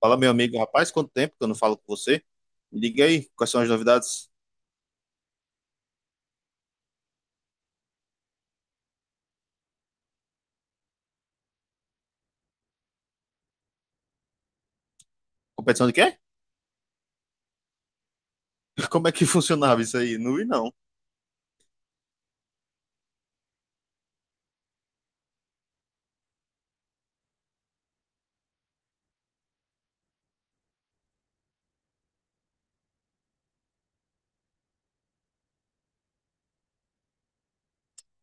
Fala, meu amigo, rapaz, quanto tempo que eu não falo com você? Me diga aí, quais são as novidades? Competição de quê? Como é que funcionava isso aí? Não vi, não.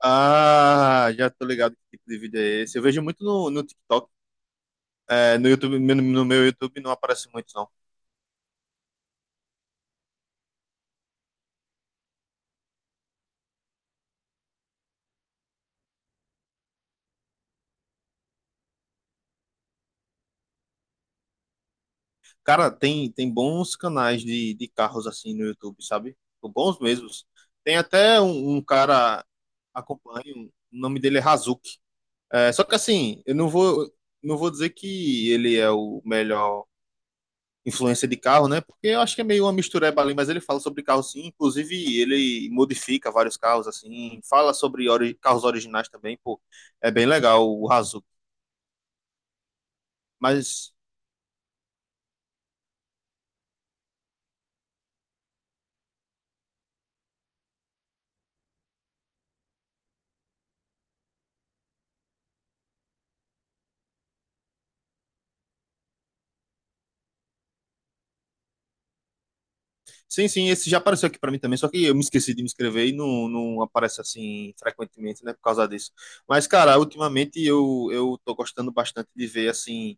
Ah, já tô ligado que tipo de vídeo é esse. Eu vejo muito no TikTok. É, no YouTube, no meu YouTube não aparece muito, não. Cara, tem bons canais de carros assim no YouTube, sabe? Bons mesmos. Tem até um cara, acompanho, o nome dele é Razuki. É, só que assim, eu não vou, não vou dizer que ele é o melhor influência de carro, né? Porque eu acho que é meio uma mistureba ali, mas ele fala sobre carro sim, inclusive ele modifica vários carros assim, fala sobre carros originais também, pô. É bem legal o Razoo. Mas sim, esse já apareceu aqui pra mim também, só que eu me esqueci de me inscrever e não aparece assim frequentemente, né, por causa disso. Mas cara, ultimamente eu tô gostando bastante de ver assim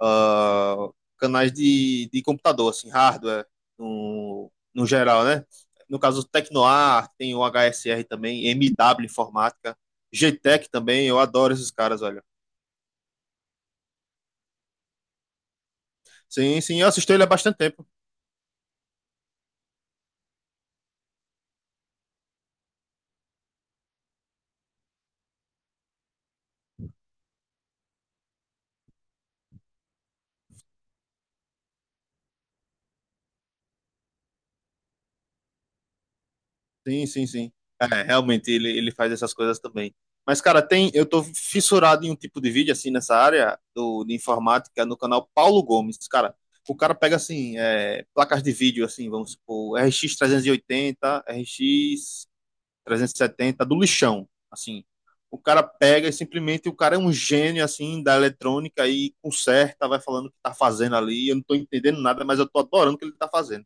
ah, canais de computador, assim, hardware, no geral, né? No caso, o Tecnoar, tem o HSR também, MW Informática, g GTEC também, eu adoro esses caras, olha. Sim, sim, eu assisto ele há bastante tempo. Sim, sim, sim. É, realmente, ele faz essas coisas também. Mas, cara, tem, eu tô fissurado em um tipo de vídeo, assim, nessa área de informática, no canal Paulo Gomes, cara. O cara pega, assim, é, placas de vídeo, assim, vamos supor, RX 380, RX trezentos e setenta do lixão, assim. O cara pega e simplesmente o cara é um gênio assim da eletrônica e conserta, vai falando o que tá fazendo ali. Eu não tô entendendo nada, mas eu tô adorando o que ele tá fazendo.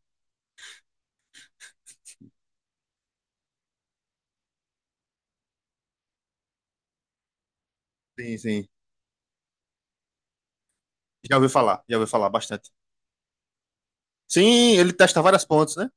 Sim, sim. Já ouvi falar bastante. Sim, ele testa várias pontes, né?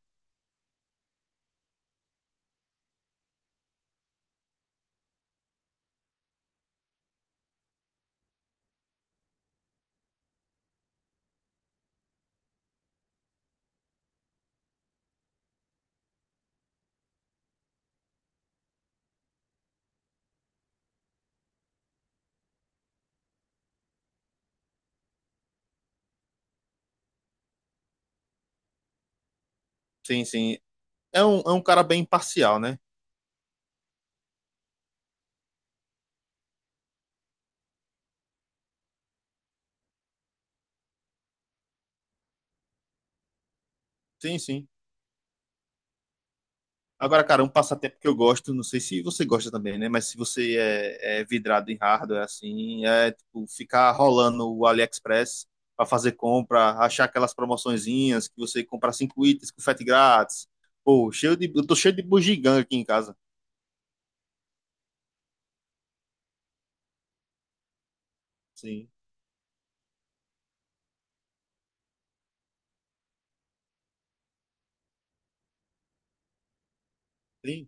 Sim, sim. É um cara bem imparcial, né? Sim, sim. Agora, cara, um passatempo que eu gosto, não sei se você gosta também, né? Mas se você é vidrado em hardware, assim, é tipo, ficar rolando o AliExpress para fazer compra, achar aquelas promoçõezinhas que você compra cinco itens com frete grátis. Pô, eu tô cheio de bugiganga aqui em casa. Sim, sim.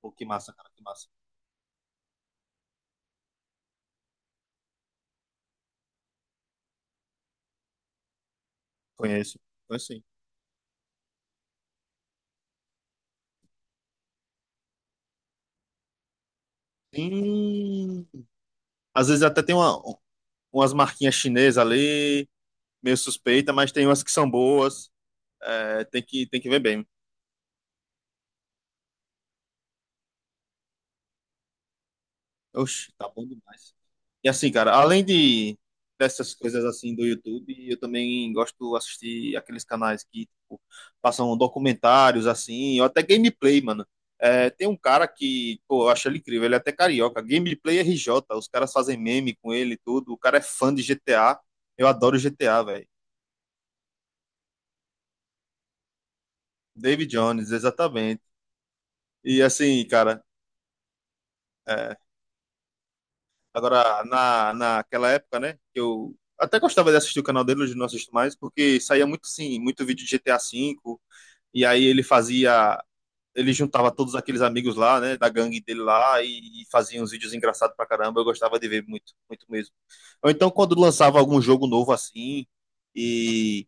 Pô, que massa, cara, que massa. Conheço, conheço sim. Sim. Às vezes até tem umas marquinhas chinesas ali, meio suspeita, mas tem umas que são boas. É, tem que ver bem. Oxe, tá bom demais. E assim, cara, além de dessas coisas assim do YouTube, eu também gosto de assistir aqueles canais que tipo, passam documentários assim, ou até gameplay, mano. É, tem um cara que, pô, eu acho ele incrível, ele é até carioca, Gameplay RJ, os caras fazem meme com ele e tudo, o cara é fã de GTA, eu adoro GTA, velho. David Jones, exatamente. E assim, cara, é, agora, naquela época, né, eu até gostava de assistir o canal dele, hoje não assisto mais, porque saía muito, sim, muito vídeo de GTA V, e aí ele juntava todos aqueles amigos lá, né, da gangue dele lá, e fazia uns vídeos engraçados pra caramba, eu gostava de ver muito, muito mesmo. Ou então, quando lançava algum jogo novo assim, e,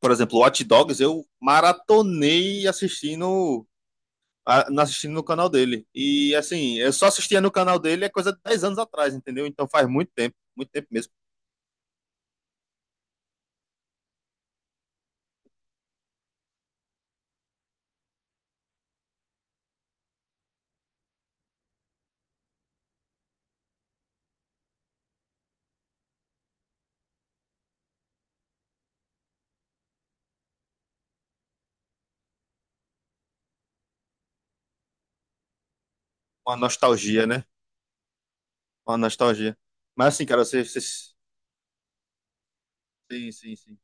por exemplo, Watch Dogs, eu maratonei assistindo assistindo no canal dele. E assim, eu só assistia no canal dele é coisa de 10 anos atrás, entendeu? Então faz muito tempo mesmo. Uma nostalgia, né? Uma nostalgia. Mas assim, cara, sim, sim, sim.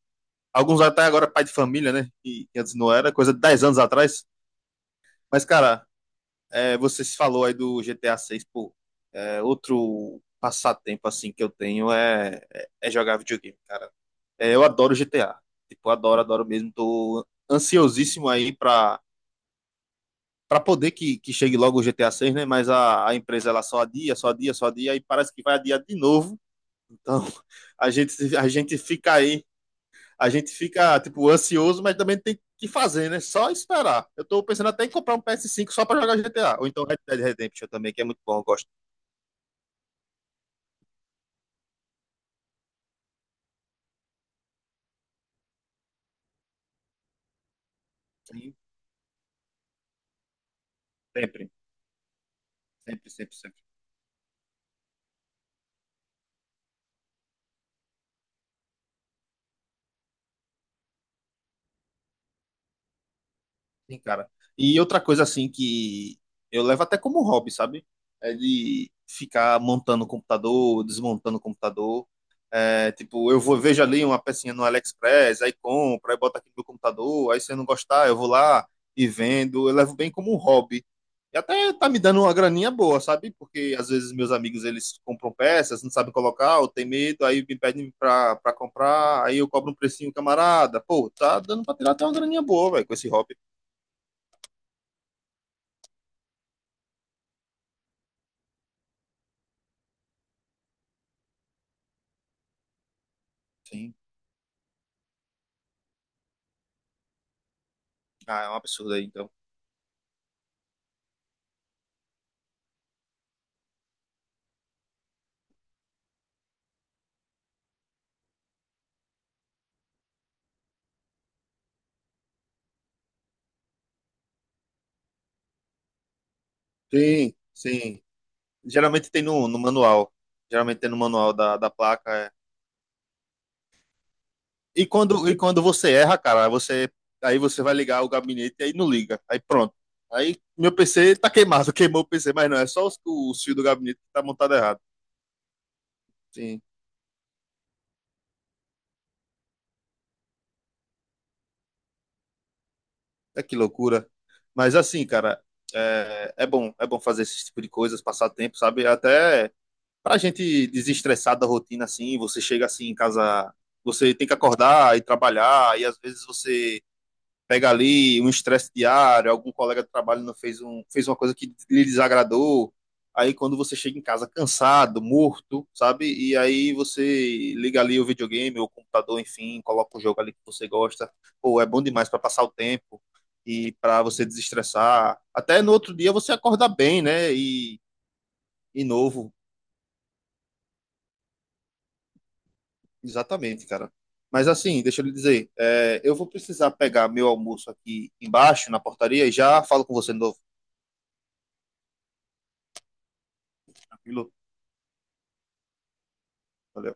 Alguns até agora pai de família, né? Que antes não era, coisa de 10 anos atrás. Mas, cara, é, você se falou aí do GTA 6 pô. É, outro passatempo, assim, que eu tenho é jogar videogame, cara. É, eu adoro GTA. Tipo, eu adoro, adoro mesmo. Tô ansiosíssimo aí pra para poder que chegue logo o GTA 6, né? Mas a empresa ela só adia, só adia, só adia, e parece que vai adiar de novo. Então a gente fica aí, a gente fica tipo ansioso, mas também tem que fazer, né? Só esperar. Eu tô pensando até em comprar um PS5 só para jogar GTA, ou então Red Dead Redemption também, que é muito bom, eu gosto. Sim, sempre, sempre, sempre, sempre. Sim, cara. E outra coisa assim que eu levo até como hobby, sabe? É de ficar montando o computador, desmontando o computador. É, tipo, eu vou vejo ali uma pecinha no AliExpress, aí compro, aí boto aqui no meu computador, aí se eu não gostar, eu vou lá e vendo, eu levo bem como um hobby. E até tá me dando uma graninha boa, sabe? Porque às vezes meus amigos eles compram peças, não sabem colocar, ou tem medo, aí me pedem pra comprar, aí eu cobro um precinho, camarada. Pô, tá dando pra tirar até uma graninha boa, velho, com esse hobby. Sim. Ah, é um absurdo aí, então. Sim, sim. Geralmente tem no manual. Geralmente tem no manual da placa é, e quando você erra, cara, você, aí você vai ligar o gabinete e aí não liga. Aí pronto. Aí meu PC tá queimado, queimou o PC, mas não, é só o fio do gabinete que tá montado errado. Sim, é que loucura. Mas assim, cara, é bom fazer esse tipo de coisas, passar tempo, sabe? Até pra gente desestressar da rotina assim, você chega assim em casa, você tem que acordar e trabalhar, e às vezes você pega ali um estresse diário, algum colega de trabalho não fez, fez uma coisa que lhe desagradou. Aí quando você chega em casa cansado, morto, sabe? E aí você liga ali o videogame ou o computador, enfim, coloca o jogo ali que você gosta. Pô, é bom demais para passar o tempo e para você desestressar. Até no outro dia você acorda bem, né? E novo. Exatamente, cara. Mas assim, deixa eu lhe dizer, é, eu vou precisar pegar meu almoço aqui embaixo, na portaria, e já falo com você de novo, tranquilo? Valeu.